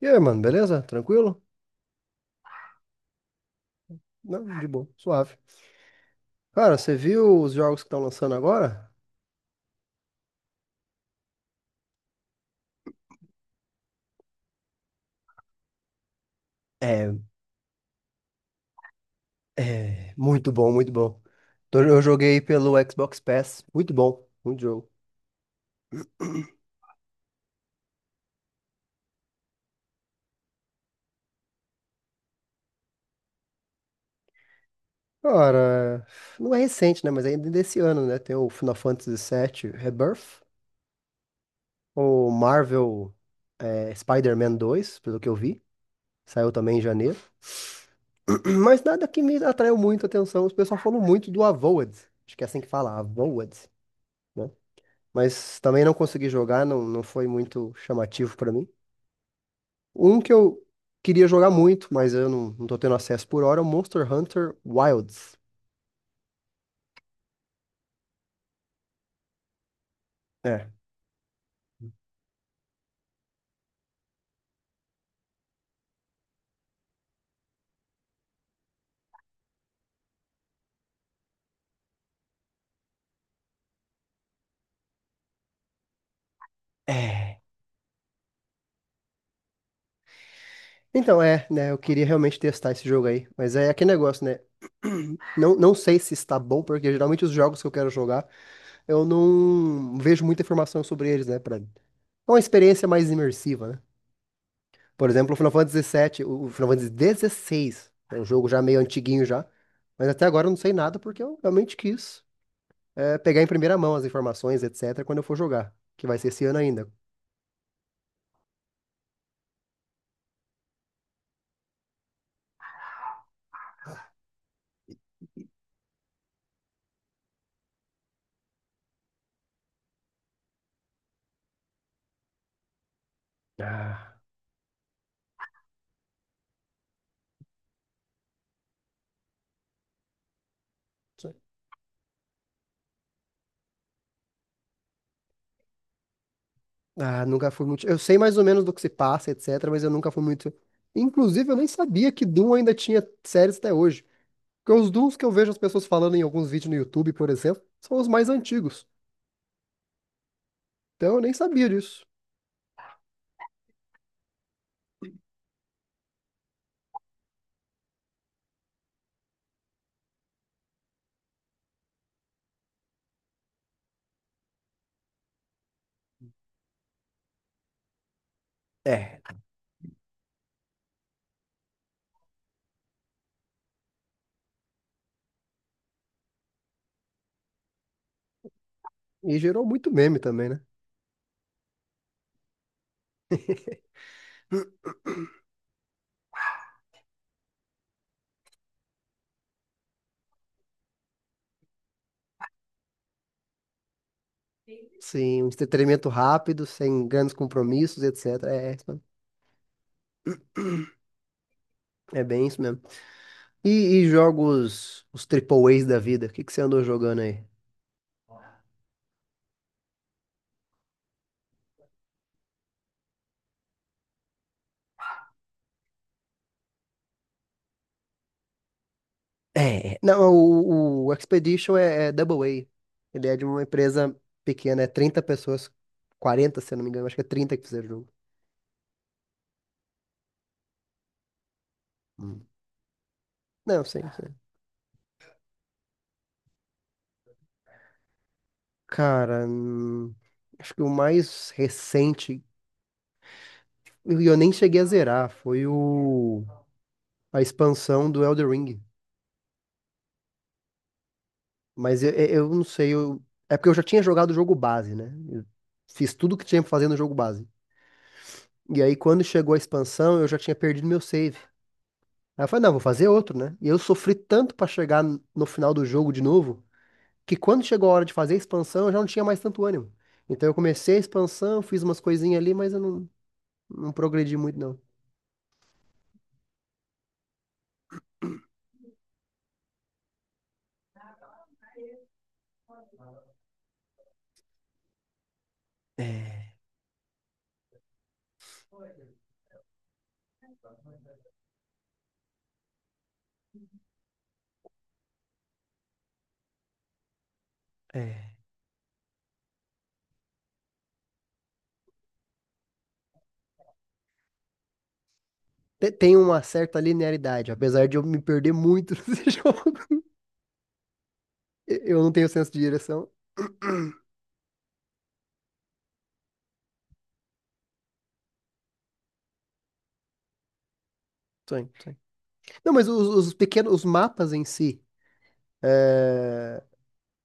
E aí, mano, beleza? Tranquilo? Não, de boa, suave. Cara, você viu os jogos que estão lançando agora? É, é, muito bom, muito bom. Eu joguei pelo Xbox Pass, muito bom, muito jogo. Cara, não é recente, né? Mas ainda desse ano, né? Tem o Final Fantasy VII Rebirth, o Marvel, é, Spider-Man 2, pelo que eu vi, saiu também em janeiro. Mas nada que me atraiu muito a atenção. Os pessoal falou muito do Avowed, acho que é assim que fala, Avowed, né? Mas também não consegui jogar, não, não foi muito chamativo pra mim. Um que eu queria jogar muito, mas eu não, não tô tendo acesso por hora, é o Monster Hunter Wilds. É. É. Então, é, né? Eu queria realmente testar esse jogo aí. Mas é aquele negócio, né? Não, não sei se está bom, porque geralmente os jogos que eu quero jogar, eu não vejo muita informação sobre eles, né? É uma experiência mais imersiva, né? Por exemplo, o Final Fantasy VII, o Final Fantasy XVI, é um jogo já meio antiguinho já, mas até agora eu não sei nada porque eu realmente quis é, pegar em primeira mão as informações, etc, quando eu for jogar, que vai ser esse ano ainda. Ah, sim. Ah, nunca fui muito. Eu sei mais ou menos do que se passa, etc, mas eu nunca fui muito. Inclusive, eu nem sabia que Doom ainda tinha séries até hoje. Porque os Dooms que eu vejo as pessoas falando em alguns vídeos no YouTube, por exemplo, são os mais antigos. Então eu nem sabia disso. É. E gerou muito meme também, né? Sim, um entretenimento rápido, sem grandes compromissos, etc. É, é bem isso mesmo. E, e jogos, os triple A's da vida, o que que você andou jogando aí? É, não, o Expedition é Double A. Ele é de uma empresa pequena, é 30 pessoas, 40, se eu não me engano, acho que é 30 que fizeram o jogo. Hum. Não, sim, sim. Cara, acho que o mais recente, e eu nem cheguei a zerar, foi o a expansão do Elden Ring. Mas eu não sei, é porque eu já tinha jogado o jogo base, né? Eu fiz tudo que tinha pra fazer no jogo base. E aí, quando chegou a expansão, eu já tinha perdido meu save. Aí eu falei, não, vou fazer outro, né? E eu sofri tanto pra chegar no final do jogo de novo, que quando chegou a hora de fazer a expansão, eu já não tinha mais tanto ânimo. Então eu comecei a expansão, fiz umas coisinhas ali, mas eu não, não progredi muito, não. É, é. Tem uma certa linearidade, apesar de eu me perder muito nesse jogo. Eu não tenho senso de direção. Sim, sim. Não, mas os pequenos, os mapas em si,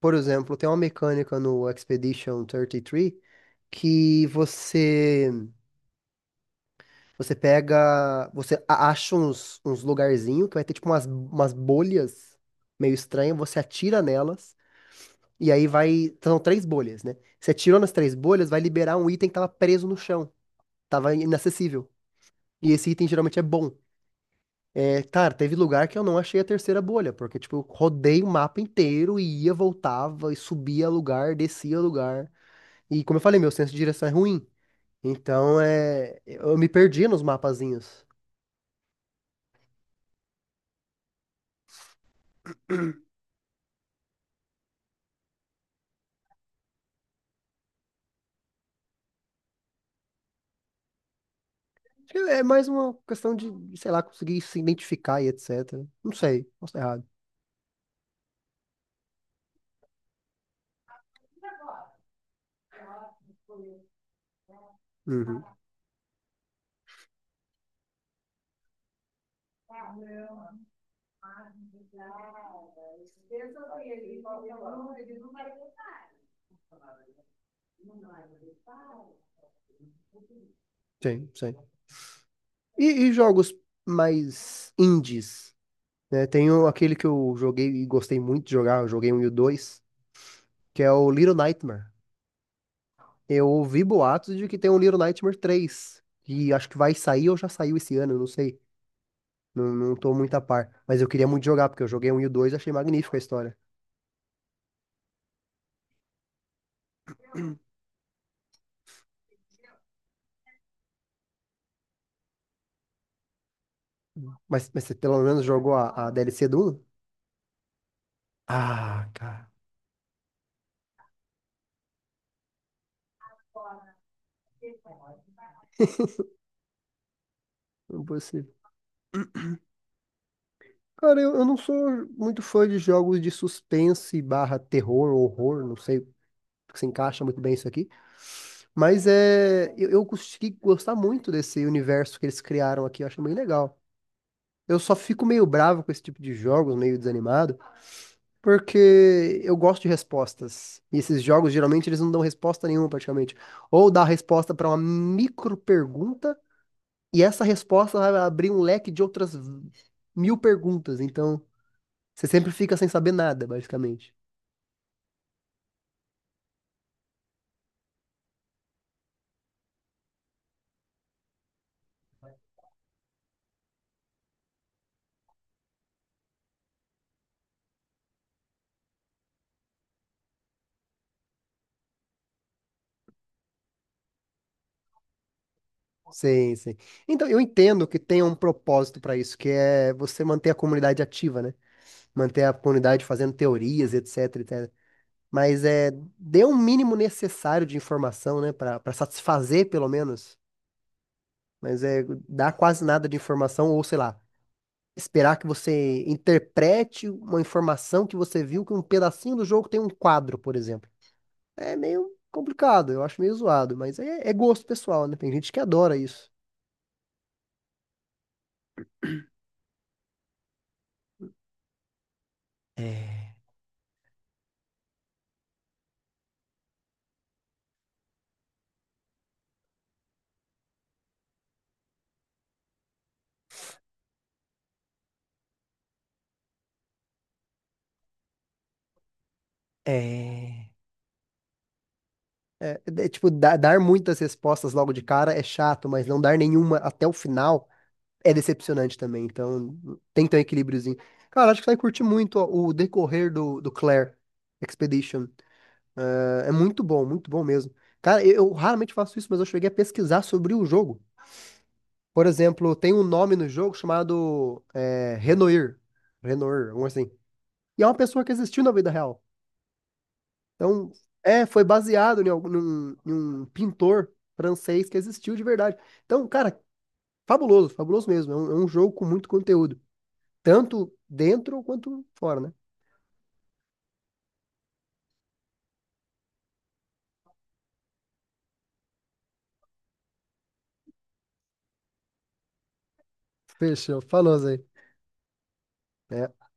por exemplo, tem uma mecânica no Expedition 33 que você pega. Você acha uns lugarzinhos que vai ter tipo umas bolhas meio estranhas. Você atira nelas. E aí vai. São três bolhas, né? Você atirou nas três bolhas, vai liberar um item que tava preso no chão. Tava inacessível. E esse item geralmente é bom. É, cara, teve lugar que eu não achei a terceira bolha, porque, tipo, eu rodei o mapa inteiro e ia, voltava, e subia lugar, descia lugar. E como eu falei, meu senso de direção é ruim. Então, é, eu me perdi nos mapazinhos. Acho que é mais uma questão de, sei lá, conseguir se identificar e etc. Não sei, posso estar errado. Uhum. Sim, sim. E jogos mais indies, né? Tem aquele que eu joguei e gostei muito de jogar, eu joguei um e o dois, que é o Little Nightmare. Eu ouvi boatos de que tem um Little Nightmare 3, e acho que vai sair ou já saiu esse ano, eu não sei. Não, não tô muito a par, mas eu queria muito jogar, porque eu joguei um e o dois e achei magnífica a história. Mas você pelo menos jogou a DLC do 1? Ah, cara. Não. Cara, eu não sou muito fã de jogos de suspense barra terror, horror, não sei se encaixa muito bem isso aqui. Mas é, eu consegui gostar muito desse universo que eles criaram aqui, eu acho bem legal. Eu só fico meio bravo com esse tipo de jogos, meio desanimado, porque eu gosto de respostas. E esses jogos, geralmente, eles não dão resposta nenhuma, praticamente. Ou dá resposta para uma micro pergunta, e essa resposta vai abrir um leque de outras mil perguntas. Então. Você sempre fica sem saber nada, basicamente. Sim, sim. Então, eu entendo que tem um propósito para isso, que é você manter a comunidade ativa, né? Manter a comunidade fazendo teorias, etc, etc. Mas é, dê um mínimo necessário de informação, né? Para satisfazer, pelo menos. Mas é dar quase nada de informação, ou sei lá, esperar que você interprete uma informação que você viu que um pedacinho do jogo tem um quadro, por exemplo. É meio complicado, eu acho meio zoado, mas é gosto pessoal, né? Tem gente que adora isso. É, é, é, é, tipo, dar muitas respostas logo de cara é chato, mas não dar nenhuma até o final é decepcionante também. Então, tem que ter um equilíbriozinho. Cara, acho que você vai curtir muito ó, o decorrer do Claire Expedition. É, é muito bom mesmo. Cara, eu raramente faço isso, mas eu cheguei a pesquisar sobre o jogo. Por exemplo, tem um nome no jogo chamado é, Renoir. Renoir, alguma coisa assim. E é uma pessoa que existiu na vida real. Então, é, foi baseado em um pintor francês que existiu de verdade. Então, cara, fabuloso, fabuloso mesmo. É um jogo com muito conteúdo, tanto dentro quanto fora, né? Fechou, falou, Zé. É,